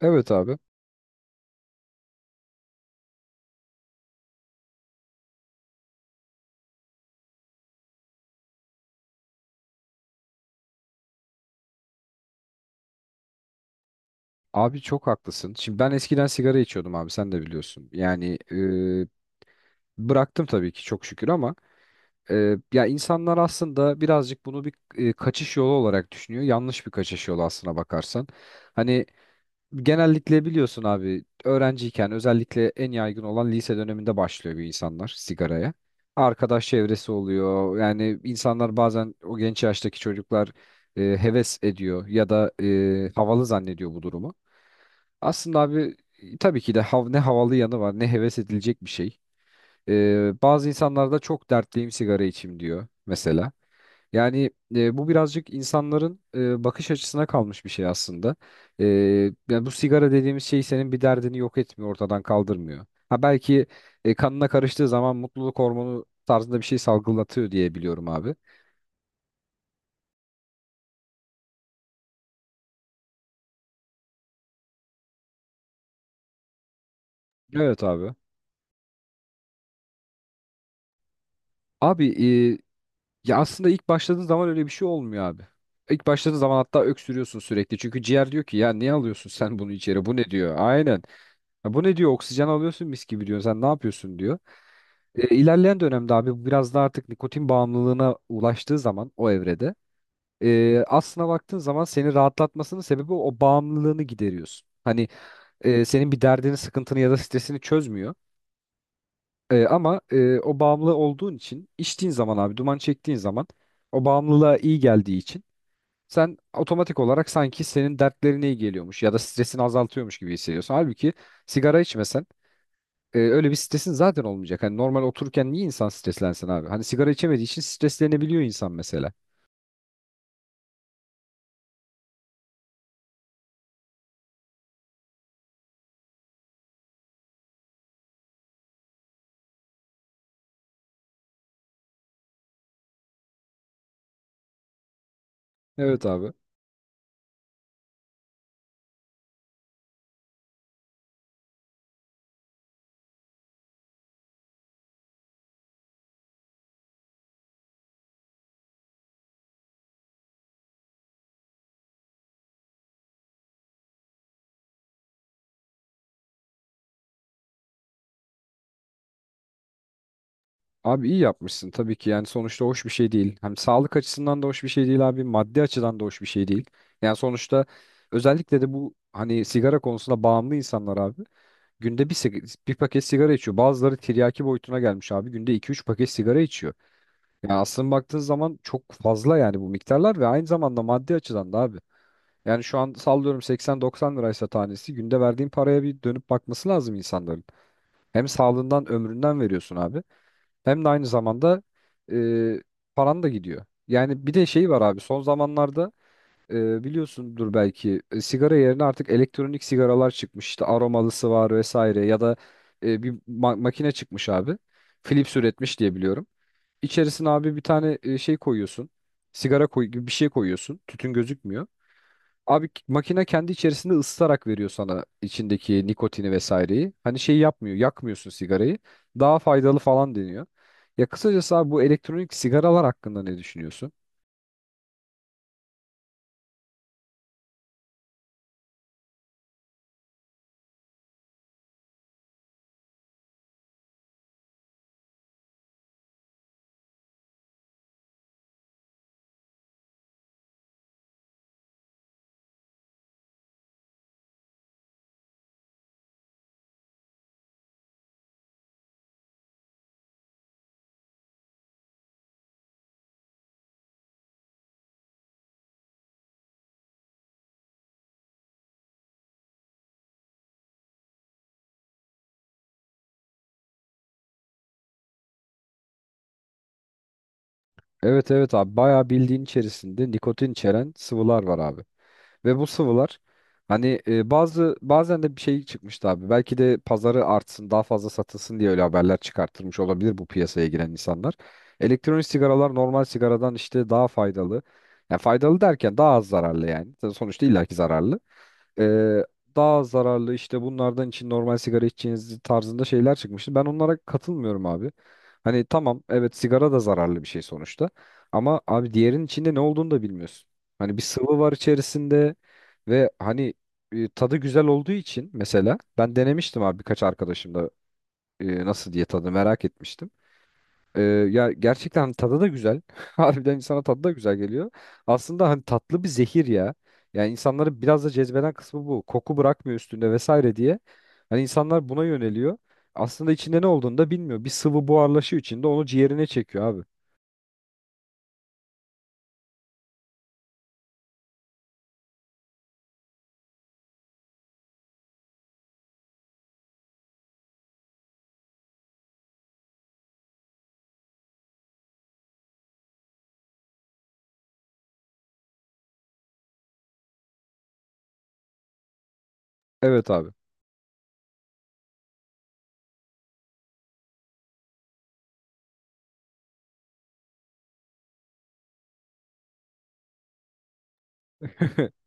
Evet abi. Abi, çok haklısın. Şimdi ben eskiden sigara içiyordum abi, sen de biliyorsun. Yani bıraktım tabii ki çok şükür ama ya insanlar aslında birazcık bunu bir kaçış yolu olarak düşünüyor. Yanlış bir kaçış yolu aslına bakarsan. Hani genellikle biliyorsun abi, öğrenciyken özellikle en yaygın olan lise döneminde başlıyor bir insanlar sigaraya. Arkadaş çevresi oluyor. Yani insanlar bazen o genç yaştaki çocuklar heves ediyor ya da havalı zannediyor bu durumu. Aslında abi tabii ki de ne havalı yanı var ne heves edilecek bir şey. Bazı insanlar da çok dertliyim sigara içim diyor mesela. Yani bu birazcık insanların bakış açısına kalmış bir şey aslında. Ee, yani bu sigara dediğimiz şey senin bir derdini yok etmiyor, ortadan kaldırmıyor. Ha belki kanına karıştığı zaman mutluluk hormonu tarzında bir şey salgılatıyor diye biliyorum abi. Evet abi. Abi, ya aslında ilk başladığın zaman öyle bir şey olmuyor abi. İlk başladığın zaman hatta öksürüyorsun sürekli. Çünkü ciğer diyor ki ya niye alıyorsun sen bunu içeri? Bu ne diyor? Aynen. "Ya bu ne diyor? Oksijen alıyorsun mis gibi diyor. Sen ne yapıyorsun diyor." İlerleyen dönemde abi biraz da artık nikotin bağımlılığına ulaştığı zaman o evrede aslına baktığın zaman seni rahatlatmasının sebebi o bağımlılığını gideriyorsun. Hani senin bir derdini, sıkıntını ya da stresini çözmüyor. Ama o bağımlı olduğun için içtiğin zaman abi, duman çektiğin zaman o bağımlılığa iyi geldiği için sen otomatik olarak sanki senin dertlerine iyi geliyormuş ya da stresini azaltıyormuş gibi hissediyorsun. Halbuki sigara içmesen öyle bir stresin zaten olmayacak. Hani normal otururken niye insan streslensin abi? Hani sigara içemediği için streslenebiliyor insan mesela. Evet abi. Abi, iyi yapmışsın tabii ki, yani sonuçta hoş bir şey değil. Hem sağlık açısından da hoş bir şey değil abi, maddi açıdan da hoş bir şey değil. Yani sonuçta özellikle de bu hani sigara konusunda bağımlı insanlar abi günde bir paket sigara içiyor. Bazıları tiryaki boyutuna gelmiş abi, günde iki üç paket sigara içiyor. Yani aslında baktığın zaman çok fazla yani bu miktarlar ve aynı zamanda maddi açıdan da abi. Yani şu an sallıyorum 80-90 liraysa tanesi, günde verdiğin paraya bir dönüp bakması lazım insanların. Hem sağlığından ömründen veriyorsun abi. Hem de aynı zamanda e, paran da gidiyor. Yani bir de şey var abi son zamanlarda biliyorsundur belki sigara yerine artık elektronik sigaralar çıkmış. İşte aromalısı var vesaire ya da bir makine çıkmış abi. Philips üretmiş diye biliyorum. İçerisine abi bir tane şey koyuyorsun. Sigara koy gibi bir şey koyuyorsun. Tütün gözükmüyor. Abi, makine kendi içerisinde ısıtarak veriyor sana içindeki nikotini vesaireyi. Hani şey yapmıyor, yakmıyorsun sigarayı. Daha faydalı falan deniyor. Ya kısacası abi, bu elektronik sigaralar hakkında ne düşünüyorsun? Evet evet abi, bayağı bildiğin içerisinde nikotin içeren sıvılar var abi. Ve bu sıvılar hani bazen de bir şey çıkmıştı abi. Belki de pazarı artsın, daha fazla satılsın diye öyle haberler çıkartılmış olabilir bu piyasaya giren insanlar. Elektronik sigaralar normal sigaradan işte daha faydalı. Yani faydalı derken daha az zararlı yani. Sonuçta illaki zararlı. Ee, daha zararlı işte bunlardan için, normal sigara içeceğiniz tarzında şeyler çıkmıştı. Ben onlara katılmıyorum abi. Hani tamam, evet sigara da zararlı bir şey sonuçta. Ama abi diğerinin içinde ne olduğunu da bilmiyorsun. Hani bir sıvı var içerisinde ve hani tadı güzel olduğu için mesela ben denemiştim abi birkaç arkadaşımda nasıl diye tadı merak etmiştim. Ee, ya gerçekten hani tadı da güzel. Harbiden insana tadı da güzel geliyor. Aslında hani tatlı bir zehir ya. Yani insanları biraz da cezbeden kısmı bu. Koku bırakmıyor üstünde vesaire diye. Hani insanlar buna yöneliyor. Aslında içinde ne olduğunu da bilmiyor. Bir sıvı buharlaşıyor içinde, onu ciğerine çekiyor abi. Evet abi.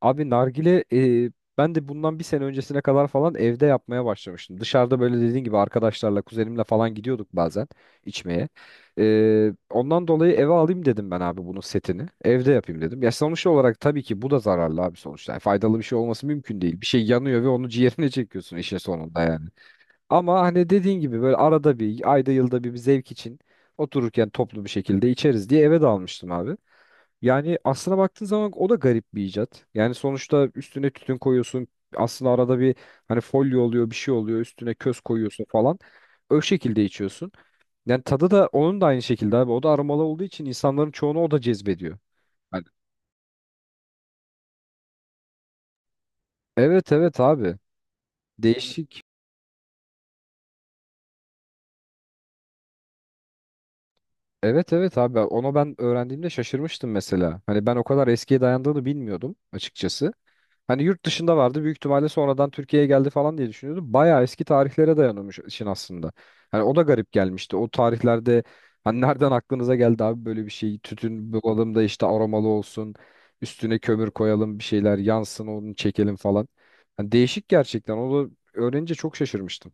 Abi, nargile e, ben de bundan bir sene öncesine kadar falan evde yapmaya başlamıştım. Dışarıda böyle dediğin gibi arkadaşlarla, kuzenimle falan gidiyorduk bazen içmeye. Ondan dolayı eve alayım dedim ben abi bunun setini. Evde yapayım dedim. Ya sonuç olarak tabii ki bu da zararlı abi sonuçta. Yani faydalı bir şey olması mümkün değil. Bir şey yanıyor ve onu ciğerine çekiyorsun işin sonunda yani. Ama hani dediğin gibi böyle arada bir, ayda yılda bir, bir zevk için otururken toplu bir şekilde içeriz diye eve dalmıştım abi. Yani aslına baktığın zaman o da garip bir icat. Yani sonuçta üstüne tütün koyuyorsun. Aslında arada bir hani folyo oluyor, bir şey oluyor. Üstüne köz koyuyorsun falan. O şekilde içiyorsun. Yani tadı da onun da aynı şekilde abi. O da aromalı olduğu için insanların çoğunu o da cezbediyor. Hani- Evet evet abi. Değişik. Evet evet abi, onu ben öğrendiğimde şaşırmıştım mesela. Hani ben o kadar eskiye dayandığını bilmiyordum açıkçası. Hani yurt dışında vardı büyük ihtimalle, sonradan Türkiye'ye geldi falan diye düşünüyordum. Bayağı eski tarihlere dayanıyormuş işin aslında. Hani o da garip gelmişti. O tarihlerde hani nereden aklınıza geldi abi böyle bir şey? Tütün bulalım da işte aromalı olsun. Üstüne kömür koyalım, bir şeyler yansın, onu çekelim falan. Hani değişik gerçekten. Onu öğrenince çok şaşırmıştım.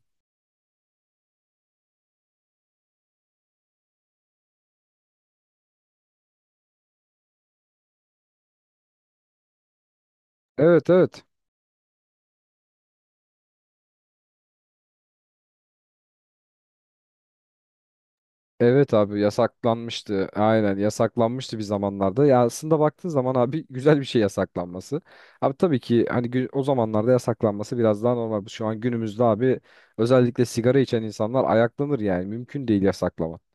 Evet evet. Evet abi, yasaklanmıştı. Aynen yasaklanmıştı bir zamanlarda. Ya aslında baktığın zaman abi güzel bir şey yasaklanması. Abi tabii ki hani o zamanlarda yasaklanması biraz daha normal. Şu an günümüzde abi özellikle sigara içen insanlar ayaklanır yani. Mümkün değil yasaklaması.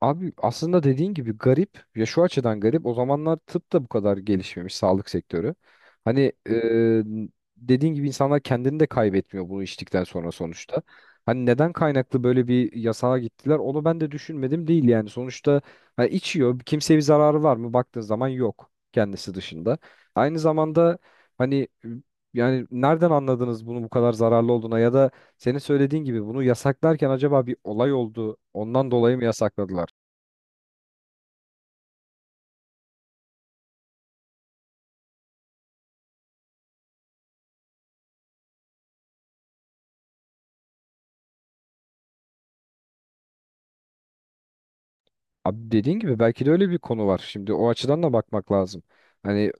Abi aslında dediğin gibi garip ya, şu açıdan garip, o zamanlar tıp da bu kadar gelişmemiş sağlık sektörü. Hani dediğin gibi insanlar kendini de kaybetmiyor bunu içtikten sonra sonuçta. Hani neden kaynaklı böyle bir yasağa gittiler, onu ben de düşünmedim değil yani. Sonuçta ha, içiyor, kimseye bir zararı var mı baktığın zaman, yok kendisi dışında. Aynı zamanda hani yani nereden anladınız bunu bu kadar zararlı olduğuna, ya da senin söylediğin gibi bunu yasaklarken acaba bir olay oldu ondan dolayı mı yasakladılar? Abi dediğin gibi belki de öyle bir konu var. Şimdi o açıdan da bakmak lazım. Hani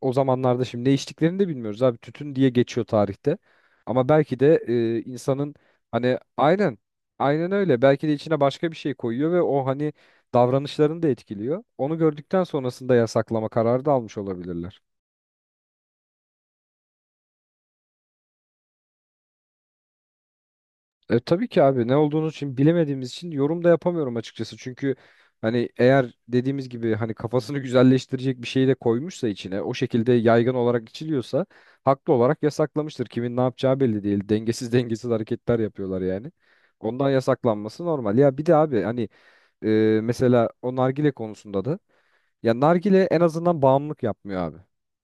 o zamanlarda şimdi ne içtiklerini de bilmiyoruz abi. Tütün diye geçiyor tarihte. Ama belki de insanın hani aynen, aynen öyle. Belki de içine başka bir şey koyuyor ve o hani davranışlarını da etkiliyor. Onu gördükten sonrasında yasaklama kararı da almış olabilirler. Tabii ki abi, ne olduğunu için bilemediğimiz için yorum da yapamıyorum açıkçası. Çünkü hani eğer dediğimiz gibi hani kafasını güzelleştirecek bir şeyi de koymuşsa içine, o şekilde yaygın olarak içiliyorsa haklı olarak yasaklamıştır. Kimin ne yapacağı belli değil. Dengesiz dengesiz hareketler yapıyorlar yani. Ondan yasaklanması normal. Ya bir de abi hani e, mesela o nargile konusunda da ya nargile en azından bağımlılık yapmıyor abi.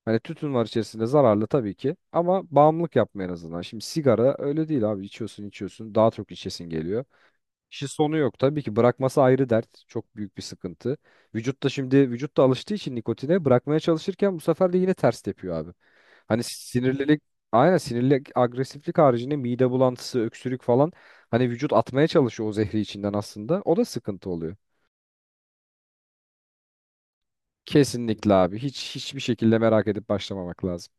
Hani tütün var içerisinde, zararlı tabii ki, ama bağımlılık yapmıyor en azından. Şimdi sigara öyle değil abi, içiyorsun içiyorsun daha çok içesin geliyor. İşi sonu yok, tabii ki bırakması ayrı dert, çok büyük bir sıkıntı. Vücut da şimdi, vücut da alıştığı için nikotine, bırakmaya çalışırken bu sefer de yine ters tepiyor abi. Hani sinirlilik, aynen sinirlilik, agresiflik haricinde mide bulantısı, öksürük falan, hani vücut atmaya çalışıyor o zehri içinden aslında, o da sıkıntı oluyor. Kesinlikle abi. Hiç hiçbir şekilde merak edip başlamamak lazım.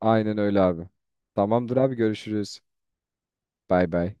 Aynen öyle abi. Tamamdır abi, görüşürüz. Bay bay.